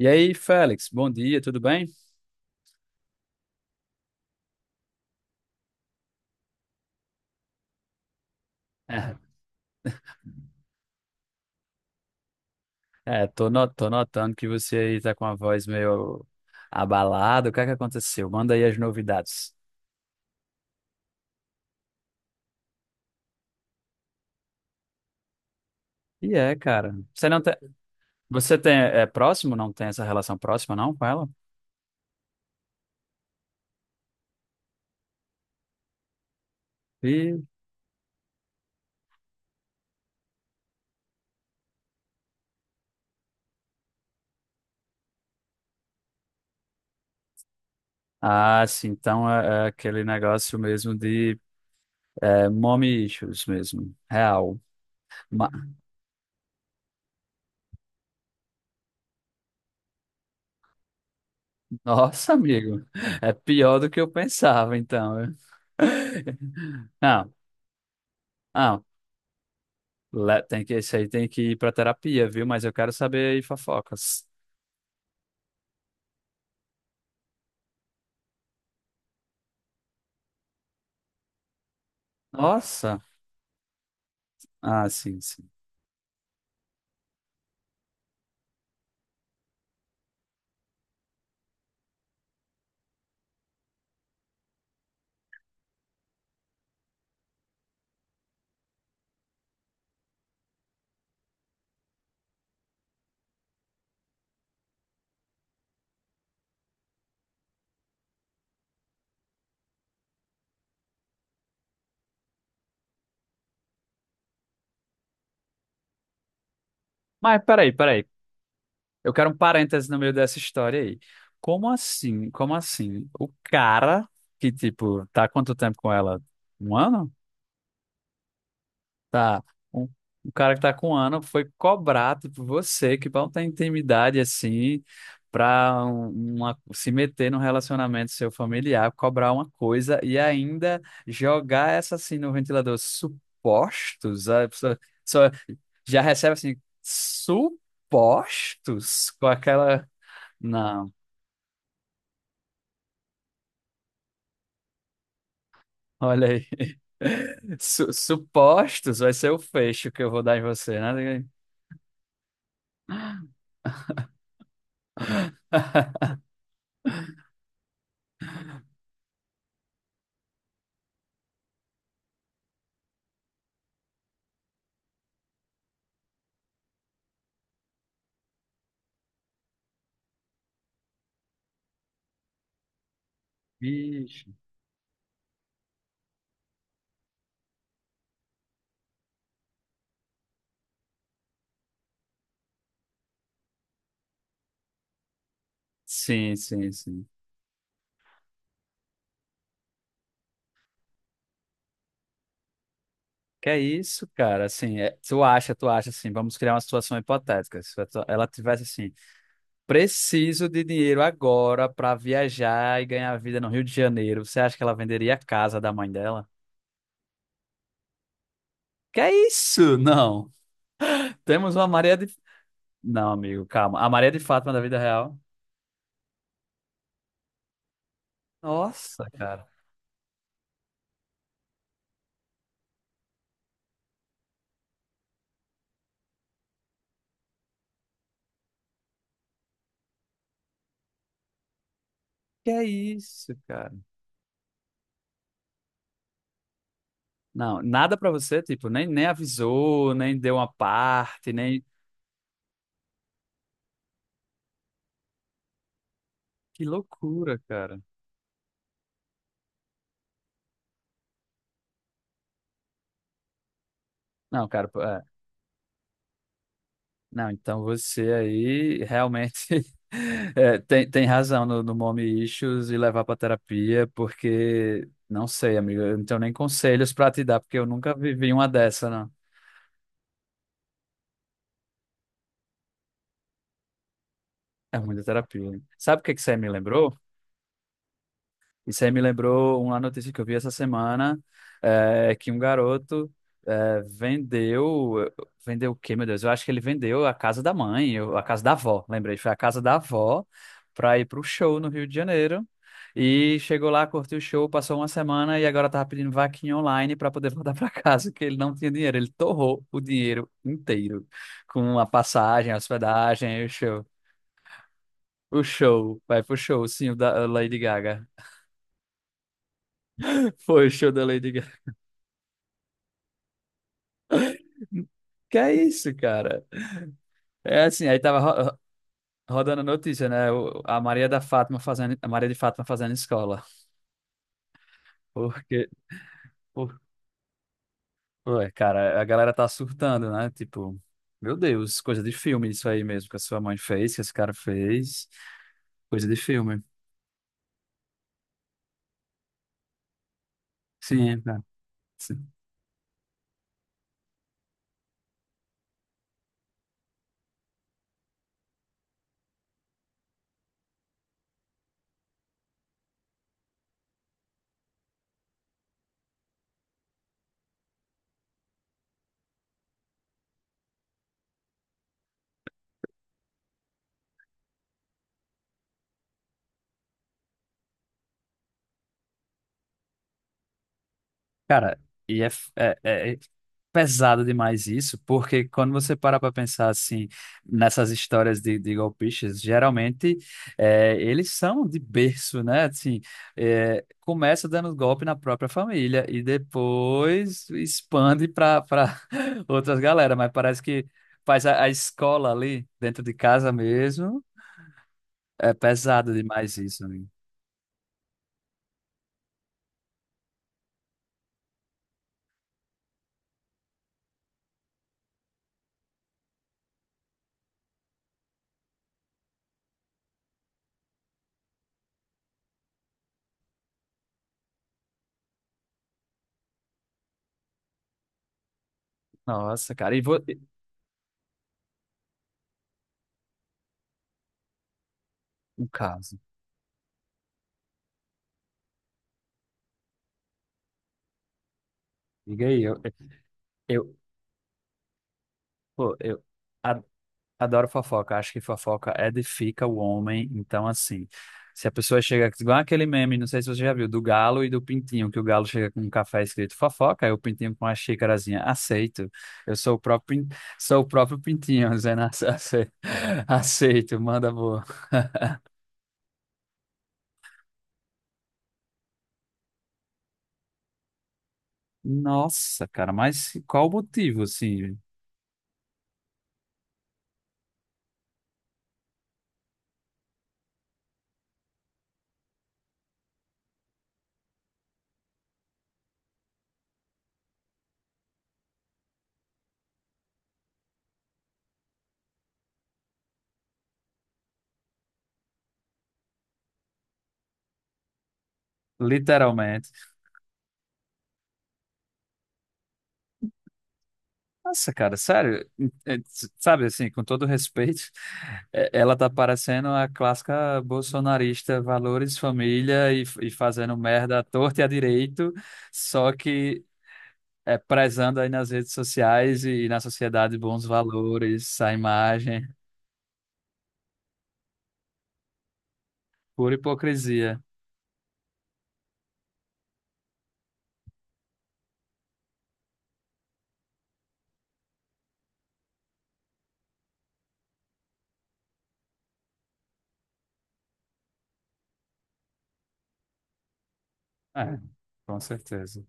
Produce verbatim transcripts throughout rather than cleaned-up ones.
E aí, Félix, bom dia, tudo bem? É, tô, no- tô notando que você aí tá com a voz meio abalada. O que é que aconteceu? Manda aí as novidades. E é, cara. Você não tem, você tem é próximo? Não tem essa relação próxima não com ela? E ah, sim. Então é, é aquele negócio mesmo de é, mommy issues mesmo, real. Ma- Nossa, amigo, é pior do que eu pensava. Então, não. Não, Le- Tem que, esse aí tem que ir pra terapia, viu? Mas eu quero saber aí fofocas. Nossa! Ah, sim, sim. Mas peraí, peraí. Eu quero um parêntese no meio dessa história aí. Como assim? Como assim? O cara que, tipo, tá há quanto tempo com ela? Um ano? Tá. Um, um cara que tá com ano foi cobrar, tipo, você, que não tem intimidade assim, pra um- uma, se meter num relacionamento seu familiar, cobrar uma coisa e ainda jogar essa assim no ventilador. Supostos? A pessoa só já recebe assim, supostos? Com aquela. Não, olha aí. Su- supostos vai ser o fecho que eu vou dar em você, né? Vixe. Sim, sim, sim. Que é isso, cara? Assim, é- tu acha, tu acha assim, vamos criar uma situação hipotética. Se tu- ela tivesse assim, preciso de dinheiro agora para viajar e ganhar vida no Rio de Janeiro, você acha que ela venderia a casa da mãe dela? Que é isso? Não. Temos uma Maria de. Não, amigo, calma. A Maria de Fátima da vida real. Nossa, cara. Que é isso, cara? Não, nada pra você, tipo, nem, nem avisou, nem deu uma parte, nem. Que loucura, cara. Não, cara, Não, então você aí realmente é, tem, tem razão no, no mommy issues e levar para terapia, porque não sei, amigo, eu não tenho nem conselhos para te dar, porque eu nunca vivi uma dessa, não. É muita terapia. Sabe o que que você me lembrou? Isso aí me lembrou uma notícia que eu vi essa semana, é, que um garoto é, vendeu, vendeu o quê, meu Deus? Eu acho que ele vendeu a casa da mãe, ou a casa da avó, lembrei, foi a casa da avó para ir para o show no Rio de Janeiro. E chegou lá, curtiu o show, passou uma semana e agora tava pedindo vaquinha online para poder voltar para casa, que ele não tinha dinheiro. Ele torrou o dinheiro inteiro com a passagem, a hospedagem, e o show. O show, vai pro show, sim, o da Lady Gaga. Foi o show da Lady Gaga. Que é isso, cara? É assim, aí tava ro- ro- rodando a notícia, né? O- A Maria da Fátima fazendo, a Maria de Fátima fazendo escola. Porque, por, ué, cara, a galera tá surtando, né? Tipo, meu Deus, coisa de filme isso aí mesmo que a sua mãe fez, que esse cara fez. Coisa de filme. Sim, é, cara. Cara, e é, f- é, é é pesado demais isso, porque quando você para para pensar assim nessas histórias de, de golpistas, geralmente é, eles são de berço, né? Assim, é, começa dando golpe na própria família e depois expande para para outras galera, mas parece que faz a, a escola ali dentro de casa mesmo. É pesado demais isso, amigo. Nossa, cara, e vou... um caso. Diga aí, eu, eu, pô, eu Adoro fofoca, acho que fofoca edifica o homem. Então, assim, se a pessoa chega, igual aquele meme, não sei se você já viu, do galo e do pintinho, que o galo chega com um café escrito fofoca, e o pintinho com uma xícarazinha, aceito. Eu sou o próprio, pin- sou o próprio pintinho, dizendo "Ace- ace- aceito, manda boa. Nossa, cara, mas qual o motivo, assim, literalmente? Nossa, cara, sério, é, s- sabe assim, com todo respeito, é, ela tá parecendo a clássica bolsonarista, valores, família e, f- e fazendo merda à torta e à direito, só que é prezando aí nas redes sociais e, e na sociedade bons valores, a imagem, pura hipocrisia. É, com certeza.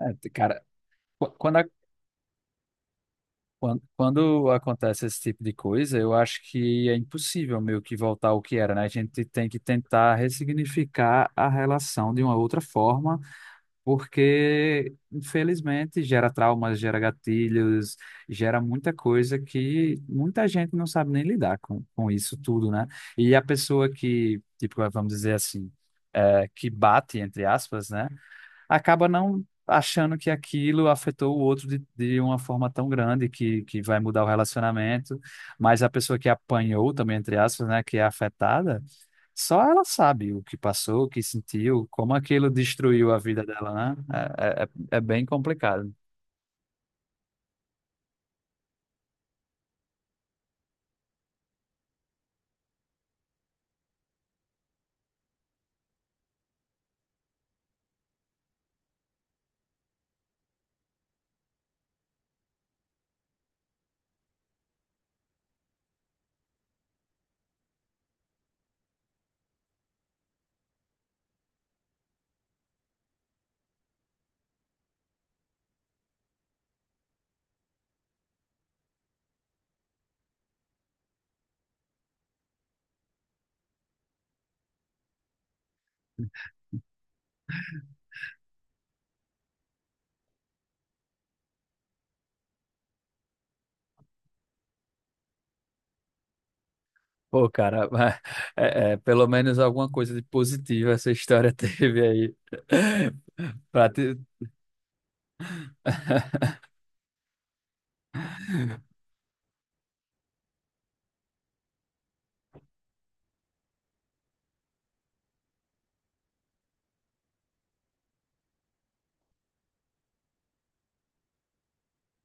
É, t- cara, qu- quando Quando, quando acontece esse tipo de coisa, eu acho que é impossível meio que voltar ao que era, né? A gente tem que tentar ressignificar a relação de uma outra forma, porque, infelizmente, gera traumas, gera gatilhos, gera muita coisa que muita gente não sabe nem lidar com, com isso tudo, né? E a pessoa que, tipo, vamos dizer assim, é, que bate, entre aspas, né? acaba não achando que aquilo afetou o outro de, de uma forma tão grande que, que vai mudar o relacionamento, mas a pessoa que apanhou também, entre aspas, né, que é afetada, só ela sabe o que passou, o que sentiu, como aquilo destruiu a vida dela, né? É, é, é é bem complicado. Pô, cara, mas, é, é, pelo menos alguma coisa de positiva essa história teve aí. Pra te-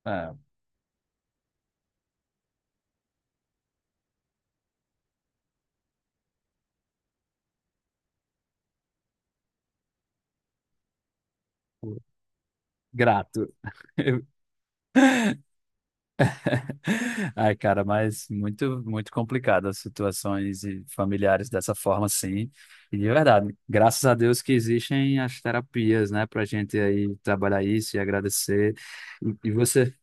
é, grato. Ai, cara, mas muito, muito complicado as situações e familiares dessa forma, sim. E de verdade, graças a Deus que existem as terapias, né, pra gente aí trabalhar isso e agradecer. E, e você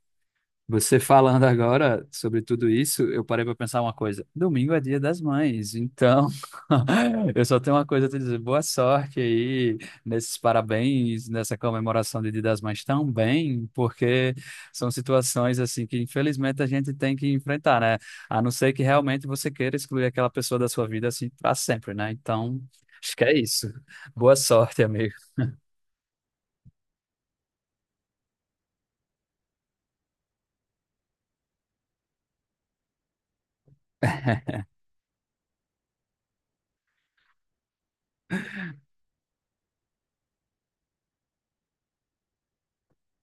você falando agora sobre tudo isso, eu parei para pensar uma coisa. Domingo é dia das mães, então eu só tenho uma coisa a te dizer. Boa sorte aí nesses parabéns, nessa comemoração de Dia das Mães também, porque são situações assim que infelizmente a gente tem que enfrentar, né? A não ser que realmente você queira excluir aquela pessoa da sua vida assim para sempre, né? Então, acho que é isso. Boa sorte, amigo.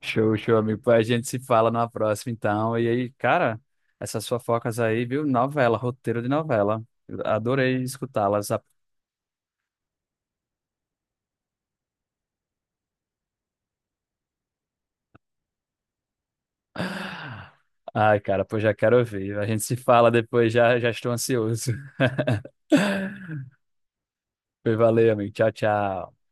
Show, show, amigo. Pô, A gente se fala numa próxima, então. E aí, cara, essas fofocas aí, viu? Novela, roteiro de novela. Eu Adorei escutá-las. A- Ai, cara, pô, já quero ouvir. A gente se fala depois, já, já estou ansioso. Foi, valeu, amigo. Tchau, tchau.